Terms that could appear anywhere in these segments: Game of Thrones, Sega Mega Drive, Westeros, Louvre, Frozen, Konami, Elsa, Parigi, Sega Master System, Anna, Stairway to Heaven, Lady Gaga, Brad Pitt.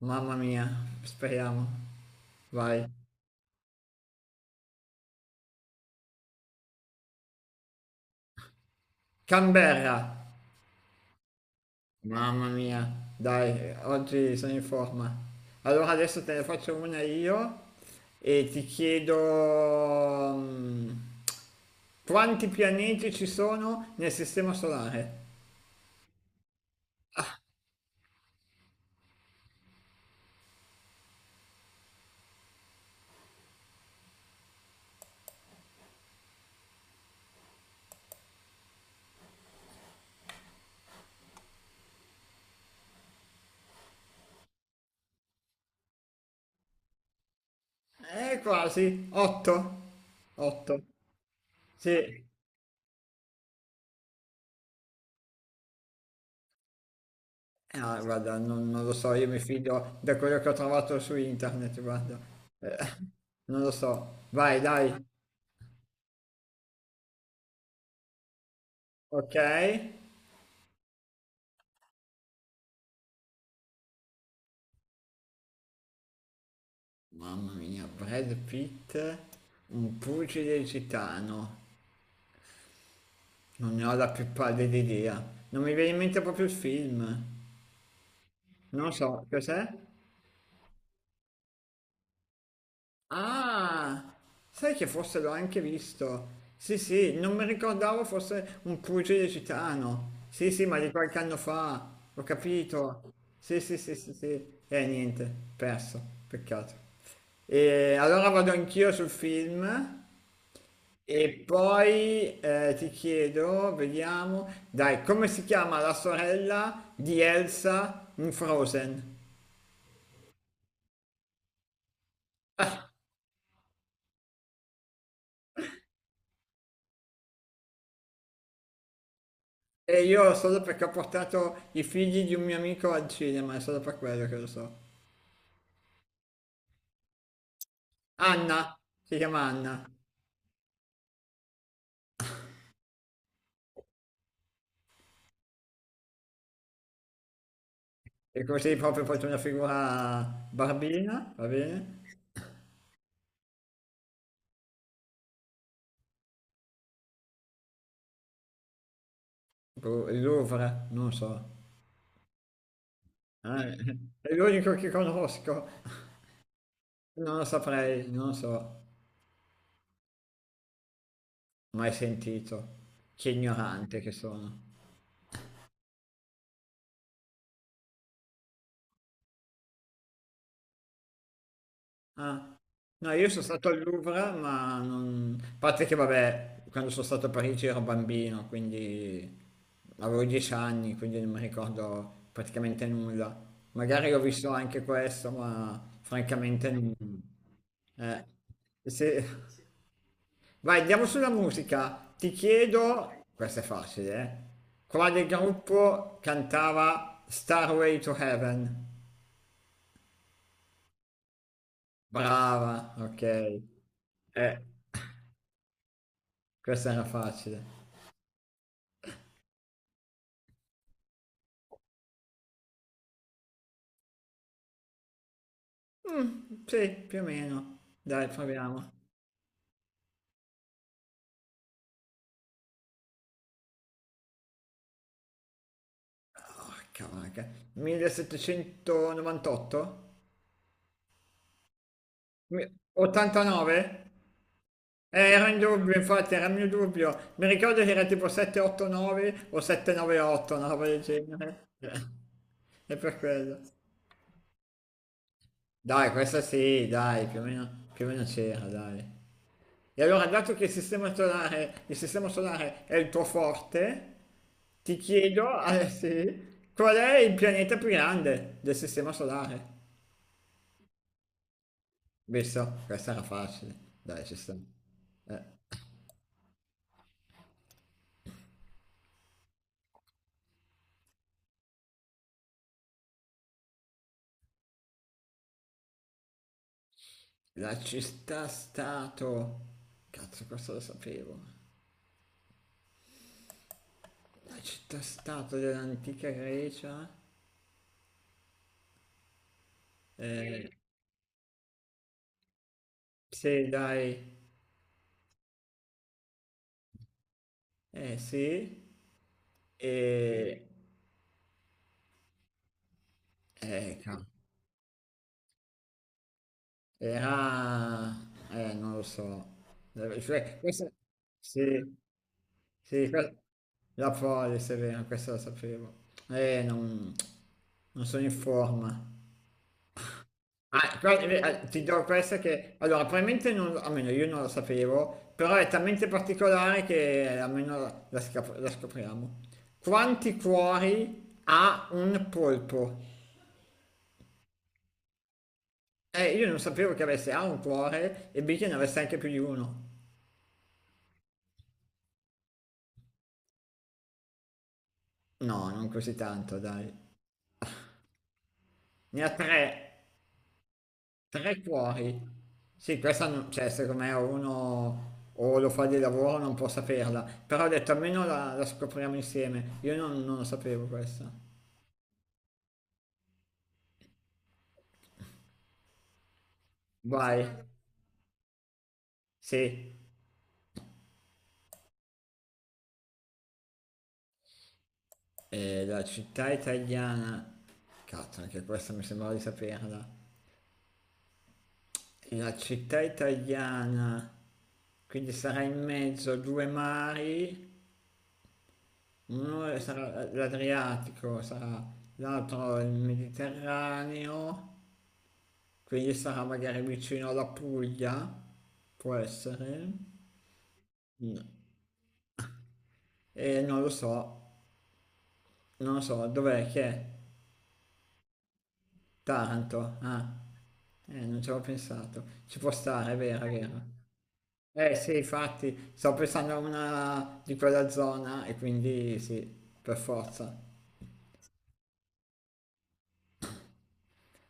Mamma mia, speriamo. Vai. Canberra. Mamma mia, dai, oggi sono in forma. Allora adesso te ne faccio una io e ti chiedo quanti pianeti ci sono nel sistema solare? Quasi, 8. 8. Sì. Ah, guarda, non lo so, io mi fido da quello che ho trovato su internet, guarda. Eh, Non lo so. Vai, dai. Ok. Mamma mia, Brad Pitt, un pugile gitano. Non ne ho la più pallida idea. Non mi viene in mente proprio il film. Non so, cos'è? Ah, sai che forse l'ho anche visto. Sì, sì, non mi ricordavo fosse un pugile gitano. Sì, sì, ma di qualche anno fa. Ho capito. Sì, sì, sì, sì, sì. Niente, perso. Peccato. E allora vado anch'io sul film. E poi ti chiedo, vediamo, dai, come si chiama la sorella di Elsa in Frozen? E io solo perché ho portato i figli di un mio amico al cinema, è solo per quello che lo so. Anna, si chiama Anna. E così proprio ho fatto una figura barbina, va bene? Boh, il Louvre, non so. Eh, è l'unico che conosco, non lo saprei, non lo so. Mai sentito. Che ignorante che sono. Ah. No, io sono stato al Louvre, ma non. A parte che, vabbè, quando sono stato a Parigi ero bambino, quindi avevo 10 anni, quindi non mi ricordo praticamente nulla. Magari ho visto anche questo, ma francamente non. Eh, se- Vai, andiamo sulla musica. Ti chiedo, questo è facile, eh? Quale gruppo cantava Starway to Heaven? Brava, ok. Eh. Questa era facile. Mm, sì, più o meno. Dai, proviamo. Porca vacca. 1798? 89? Era in dubbio, infatti, era il mio dubbio. Mi ricordo che era tipo 789 o 798, una roba del genere. È per quello. Dai, questa sì, dai, più o meno c'era, dai. E allora, dato che il sistema solare è il tuo forte, ti chiedo, sì, qual è il pianeta più grande del sistema solare? Visto, questa era facile. Dai, ci sta. La città stato. Cazzo, questo lo sapevo. La città stato dell'antica Grecia. Eh, sì, dai. Sì. E. Cavolo. Eh, ah, non lo so. Cioè, sì, sì, la Polis è vero, questo lo sapevo. Eh, non, non sono in forma. Ah, ti do questa che. Allora, probabilmente non, almeno io non lo sapevo, però è talmente particolare che almeno la scopriamo. Quanti cuori ha un polpo? Io non sapevo che avesse A un cuore e B che ne avesse anche più di uno. No, non così tanto, dai. Ne ha tre, tre cuori. Sì, questa, cioè, secondo me uno o lo fa di lavoro o non può saperla. Però ho detto, almeno la scopriamo insieme. Io non lo sapevo questa. Vai. Sì. La città italiana. Cazzo, anche questa mi sembrava di saperla. La città italiana. Quindi sarà in mezzo a due mari. Uno sarà l'Adriatico, sarà l'altro il Mediterraneo, quindi sarà magari vicino alla Puglia, può essere. No. E non lo so, non lo so, dov'è che è? Taranto, ah, non ci avevo pensato, ci può stare, è vero, è vero. Eh sì, infatti, sto pensando a una di quella zona e quindi sì, per forza.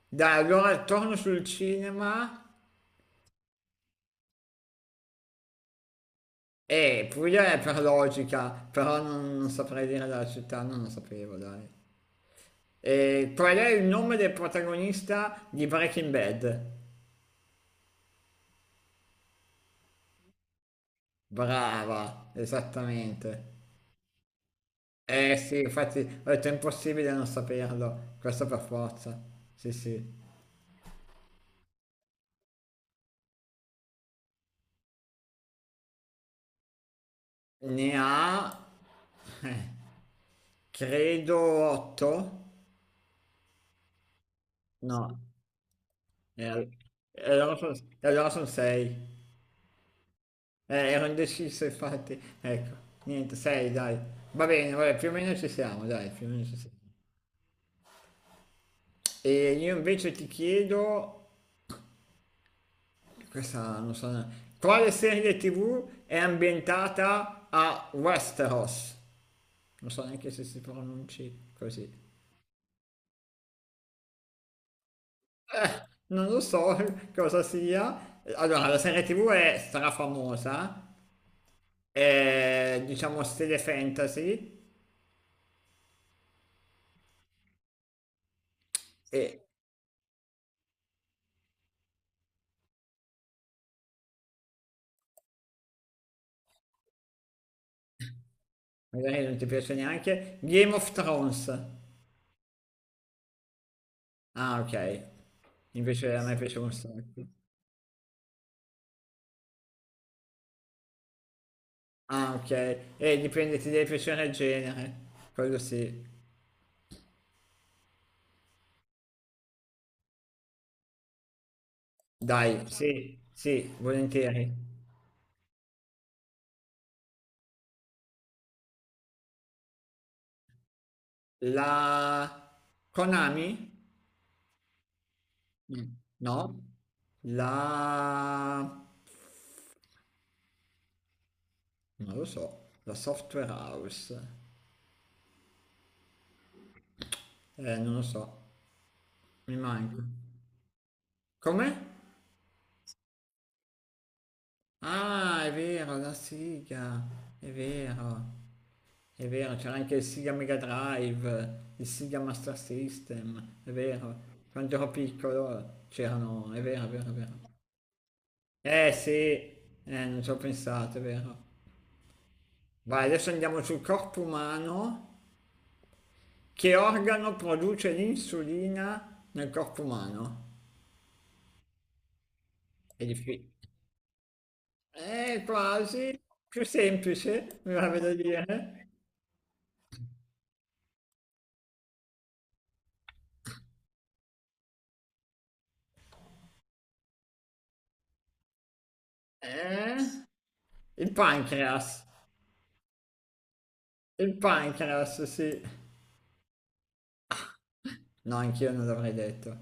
Dai, allora torno sul cinema. Puglia è per logica, però non saprei dire la città, non lo sapevo, dai. E qual è il nome del protagonista di Breaking Bad? Brava, esattamente. Eh sì, infatti ho detto è impossibile non saperlo, questo per forza. Sì, sì. Ne ha, eh, credo 8? No, e al- e allora sono 6. Ero indeciso, infatti. Ecco, niente, sei, dai. Va bene, vabbè, più o meno ci siamo, dai, più o meno ci siamo. E io invece ti chiedo, questa non so, quale serie TV è ambientata a Westeros? Non so neanche se si pronunci così. Non lo so cosa sia. Allora, la serie TV è strafamosa, è diciamo stile fantasy e magari non ti piace neanche Game of Thrones. Ah, ok. Invece a me piaceva un sacco. Ah, ok. E dipende, ti deve piacere il genere. Quello sì. Dai, sì, sì, volentieri. La Konami? Mm. No. La. Non lo so. La Software House. Non lo so. Mi manca. Come? Ah, è vero, la sigla. È vero. È vero, c'era anche il Sega Mega Drive, il Sega Master System, è vero. Quando ero piccolo c'erano, è vero, è vero, è vero. Eh sì, non ci ho pensato, è vero. Vai, adesso andiamo sul corpo umano. Che organo produce l'insulina nel corpo umano? È difficile. Quasi. Più semplice, mi va da dire. Eh, il pancreas. Il pancreas, sì. No, anch'io non l'avrei detto.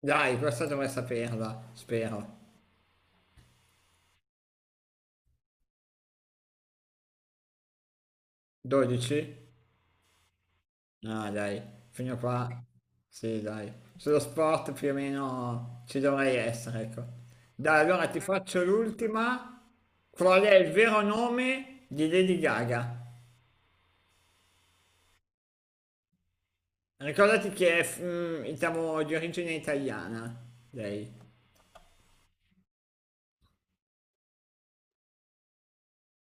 Dai, questa dovrei saperla, spero. 12? No, dai, fino a qua. Sì, dai. Sullo sport più o meno ci dovrei essere, ecco. Dai, allora ti faccio l'ultima. Qual è il vero nome di Lady Gaga? Ricordati che è, diciamo, di origine italiana, lei.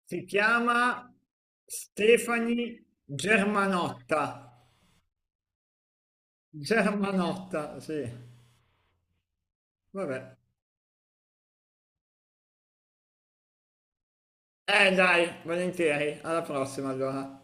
Si chiama Stefani Germanotta. Germanotta, sì. Vabbè. Dai, volentieri, alla prossima allora.